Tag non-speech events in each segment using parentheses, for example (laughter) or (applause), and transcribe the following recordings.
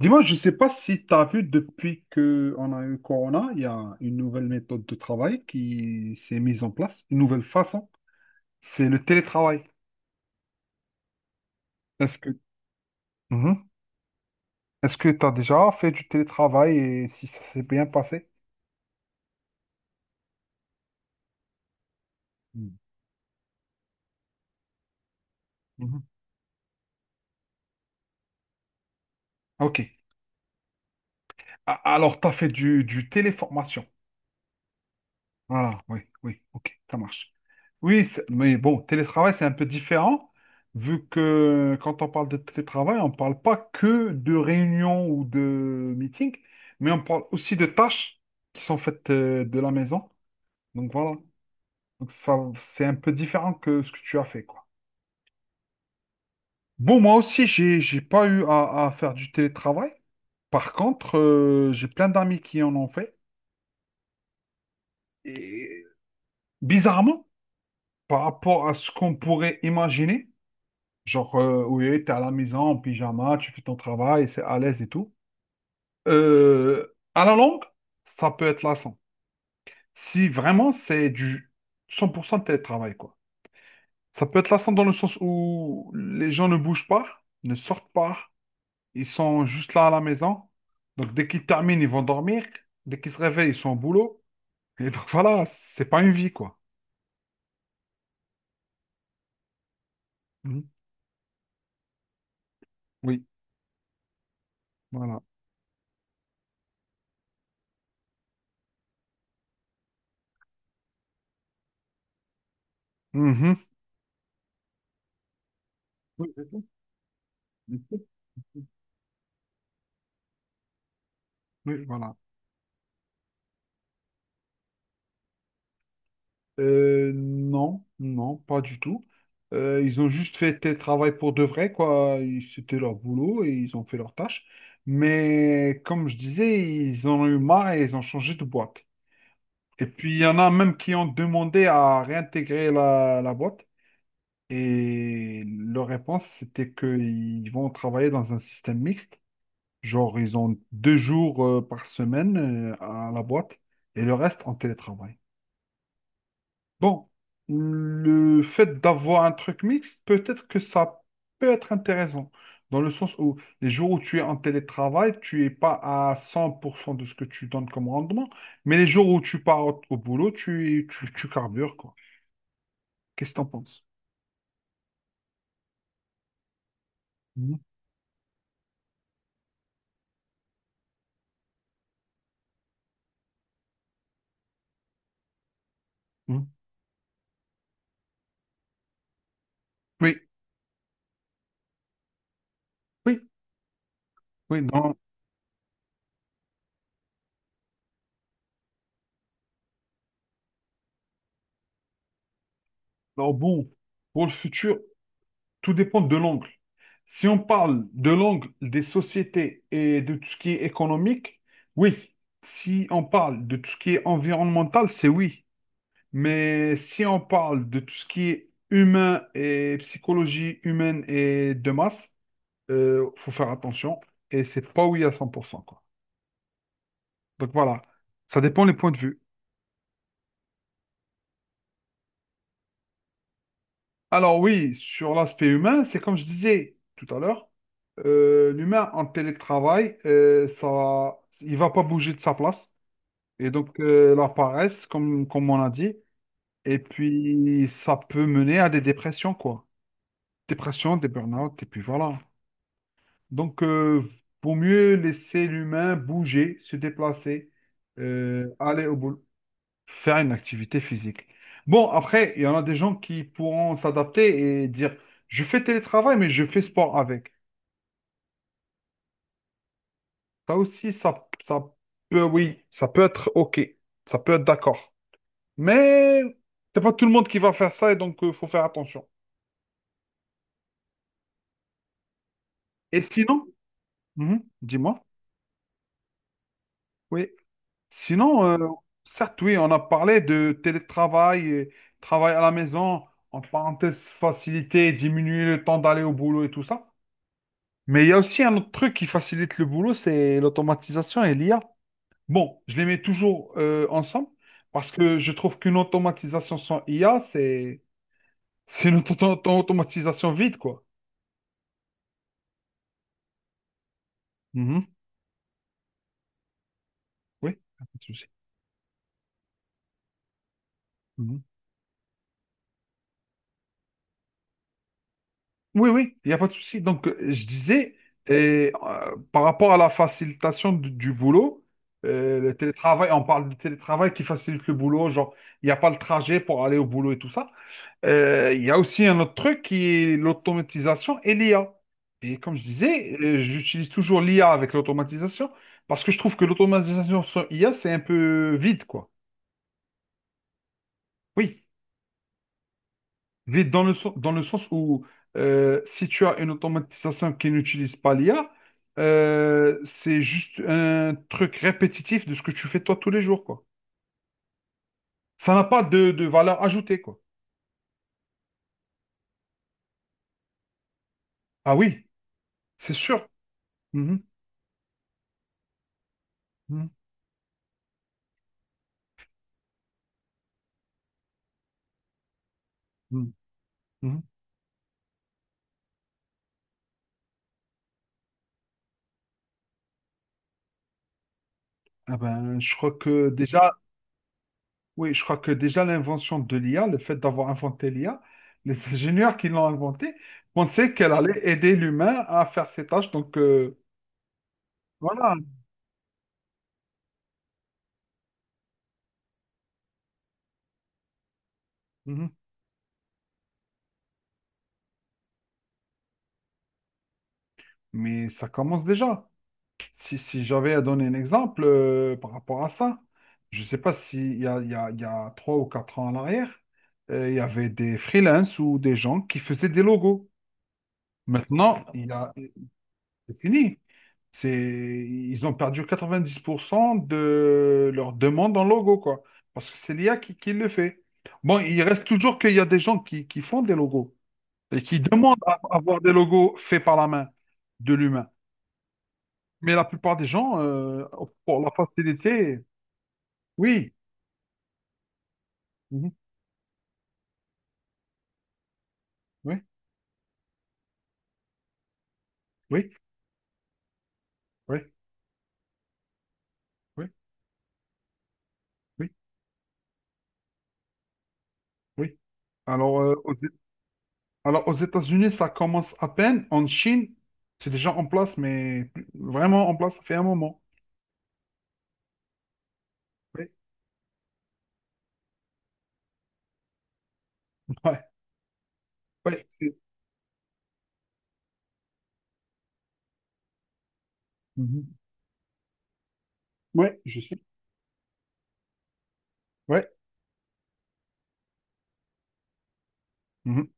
Dis-moi, je ne sais pas si tu as vu depuis qu'on a eu Corona, il y a une nouvelle méthode de travail qui s'est mise en place, une nouvelle façon, c'est le télétravail. Est-ce que Mhm. Est-ce que tu as déjà fait du télétravail et si ça s'est bien passé? Mhm. Mhm. Ok. Alors, tu as fait du téléformation. Voilà, oui, oui, ok, ça marche. Oui, mais bon, télétravail, c'est un peu différent, vu que quand on parle de télétravail, on ne parle pas que de réunions ou de meetings, mais on parle aussi de tâches qui sont faites de la maison. Donc voilà, donc ça, c'est un peu différent que ce que tu as fait, quoi. Bon, moi aussi, j'ai pas eu à faire du télétravail. Par contre, j'ai plein d'amis qui en ont fait. Et bizarrement, par rapport à ce qu'on pourrait imaginer, genre, oui, tu à la maison en pyjama, tu fais ton travail, c'est à l'aise et tout. À la longue, ça peut être lassant. Si vraiment c'est du 100% de télétravail, quoi. Ça peut être lassant dans le sens où les gens ne bougent pas, ne sortent pas, ils sont juste là à la maison. Donc, dès qu'ils terminent, ils vont dormir. Dès qu'ils se réveillent, ils sont au boulot. Et donc, (laughs) voilà, c'est pas une vie, quoi. Mhm. Oui, voilà. Mhm. Oui, c'est tout. Oui, voilà. Non, non, pas du tout. Ils ont juste fait tel travail pour de vrai, quoi. C'était leur boulot et ils ont fait leur tâche. Mais comme je disais, ils en ont eu marre et ils ont changé de boîte. Et puis il y en a même qui ont demandé à réintégrer la boîte. Et leur réponse, c'était qu'ils vont travailler dans un système mixte. Genre, ils ont 2 jours par semaine à la boîte et le reste en télétravail. Bon, le fait d'avoir un truc mixte, peut-être que ça peut être intéressant, dans le sens où les jours où tu es en télétravail, tu n'es pas à 100% de ce que tu donnes comme rendement, mais les jours où tu pars au boulot, tu carbures, quoi. Qu'est-ce que tu en penses? Mhm. Mhm. Oui, oui, oui, non, non, bon, pour le futur, tout dépend de l'angle. Si on parle de l'angle des sociétés et de tout ce qui est économique, oui. Si on parle de tout ce qui est environnemental, c'est oui. Mais si on parle de tout ce qui est humain et psychologie humaine et de masse, il faut faire attention. Et c'est pas oui à 100%, quoi. Donc voilà, ça dépend les points de vue. Alors oui, sur l'aspect humain, c'est comme je disais tout à l'heure, l'humain en télétravail, ça, il va pas bouger de sa place. Et donc la paresse, comme on a dit, et puis ça peut mener à des dépressions, quoi. Dépression, des burn-out, et puis voilà. Donc vaut mieux laisser l'humain bouger, se déplacer, aller au boulot faire une activité physique. Bon, après, il y en a des gens qui pourront s'adapter et dire, je fais télétravail, mais je fais sport avec. Ça aussi, ça peut, oui, ça peut être OK. Ça peut être d'accord. Mais c'est pas tout le monde qui va faire ça et donc il faut faire attention. Et sinon, Mhm, dis-moi, oui. Sinon, certes, oui, on a parlé de télétravail, et travail à la maison, en parenthèse, faciliter, diminuer le temps d'aller au boulot et tout ça. Mais il y a aussi un autre truc qui facilite le boulot, c'est l'automatisation et l'IA. Bon, je les mets toujours ensemble parce que je trouve qu'une automatisation sans IA, c'est une automatisation vide, quoi. Mhm. Oui, y a pas de souci. Mhm. Oui, oui, il n'y a pas de souci. Donc, je disais, et, par rapport à la facilitation du boulot, le télétravail, on parle du télétravail qui facilite le boulot, genre, il n'y a pas le trajet pour aller au boulot et tout ça. Il y a aussi un autre truc qui est l'automatisation et l'IA. Et comme je disais, j'utilise toujours l'IA avec l'automatisation parce que je trouve que l'automatisation sans IA, c'est un peu vide, quoi. Oui, vide dans le sens où si tu as une automatisation qui n'utilise pas l'IA, c'est juste un truc répétitif de ce que tu fais toi tous les jours, quoi. Ça n'a pas de valeur ajoutée, quoi. Ah oui, c'est sûr. Mhm, mhm, mhm, mhm. Ah ben, je crois que déjà, Oui, je crois que déjà l'invention de l'IA, le fait d'avoir inventé l'IA, les (laughs) ingénieurs qui l'ont inventée pensaient qu'elle allait aider l'humain à faire ses tâches. Donc voilà. Mhm. Mais ça commence déjà. Si j'avais à donner un exemple par rapport à ça, je ne sais pas s'il y a, il y a 3 ou 4 ans en arrière, il y avait des freelances ou des gens qui faisaient des logos. Maintenant, il y a C'est fini. C'est... Ils ont perdu 90% de leur demande en logo, quoi. Parce que c'est l'IA qui le fait. Bon, il reste toujours qu'il y a des gens qui font des logos et qui demandent à avoir des logos faits par la main de l'humain. Mais la plupart des gens, pour la facilité, oui, mhm, oui, oui, oui, oui, oui, oui. Alors, euh, aux, alors, aux États-Unis, ça commence à peine. En Chine, c'est déjà en place, mais vraiment en place, ça fait un moment. Oui. Ouais, ouais, Mhm. Ouais, je suis. Ouais. Mhm.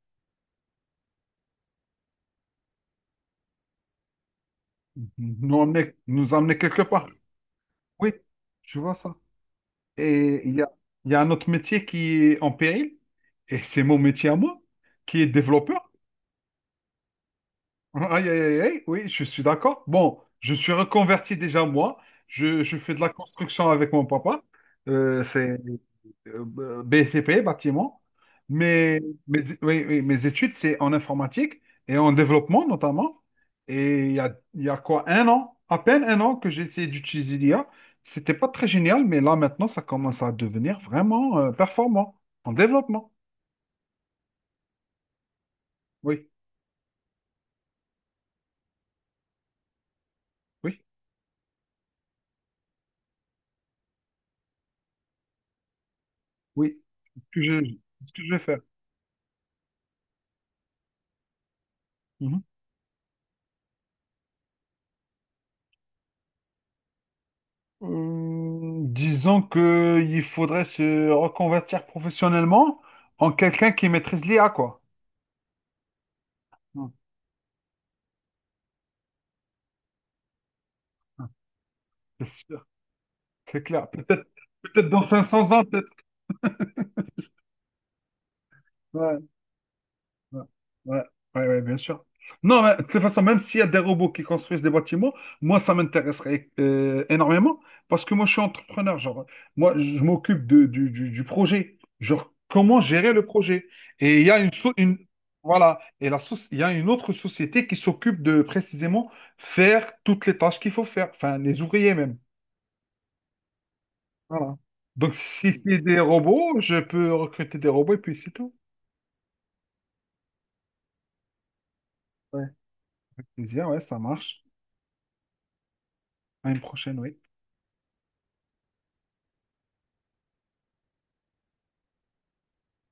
Nous emmener quelque part. Oui, je vois ça. Et il y a un autre métier qui est en péril, et c'est mon métier à moi, qui est développeur. Aïe, aïe, aïe, aïe, oui, je suis d'accord. Bon, je suis reconverti déjà moi. Je fais de la construction avec mon papa. C'est BCP, bâtiment. Mais oui, oui, mes études, c'est en informatique et en développement notamment. Et il y a quoi, un an, à peine un an que j'ai essayé d'utiliser l'IA. C'était pas très génial, mais là maintenant, ça commence à devenir vraiment performant en développement. Oui, oui, oui. C'est ce que je vais faire. Mhm. Disons que il faudrait se reconvertir professionnellement en quelqu'un qui maîtrise l'IA, quoi. Mm. C'est sûr. C'est clair. Peut-être dans 500 ans, peut-être. Ouais, ouais, ouais, ouais, ouais, bien sûr. Non, mais de toute façon, même s'il y a des robots qui construisent des bâtiments, moi, ça m'intéresserait énormément parce que moi, je suis entrepreneur. Genre, moi, je m'occupe du projet. Genre, comment gérer le projet? Et il y a une, so- une- voilà. Il y a une autre société qui s'occupe de précisément faire toutes les tâches qu'il faut faire, enfin, les ouvriers même. Voilà. Donc, si c'est des robots, je peux recruter des robots et puis c'est tout. Ouais. Plaisir, ouais, ça marche. À une prochaine, oui.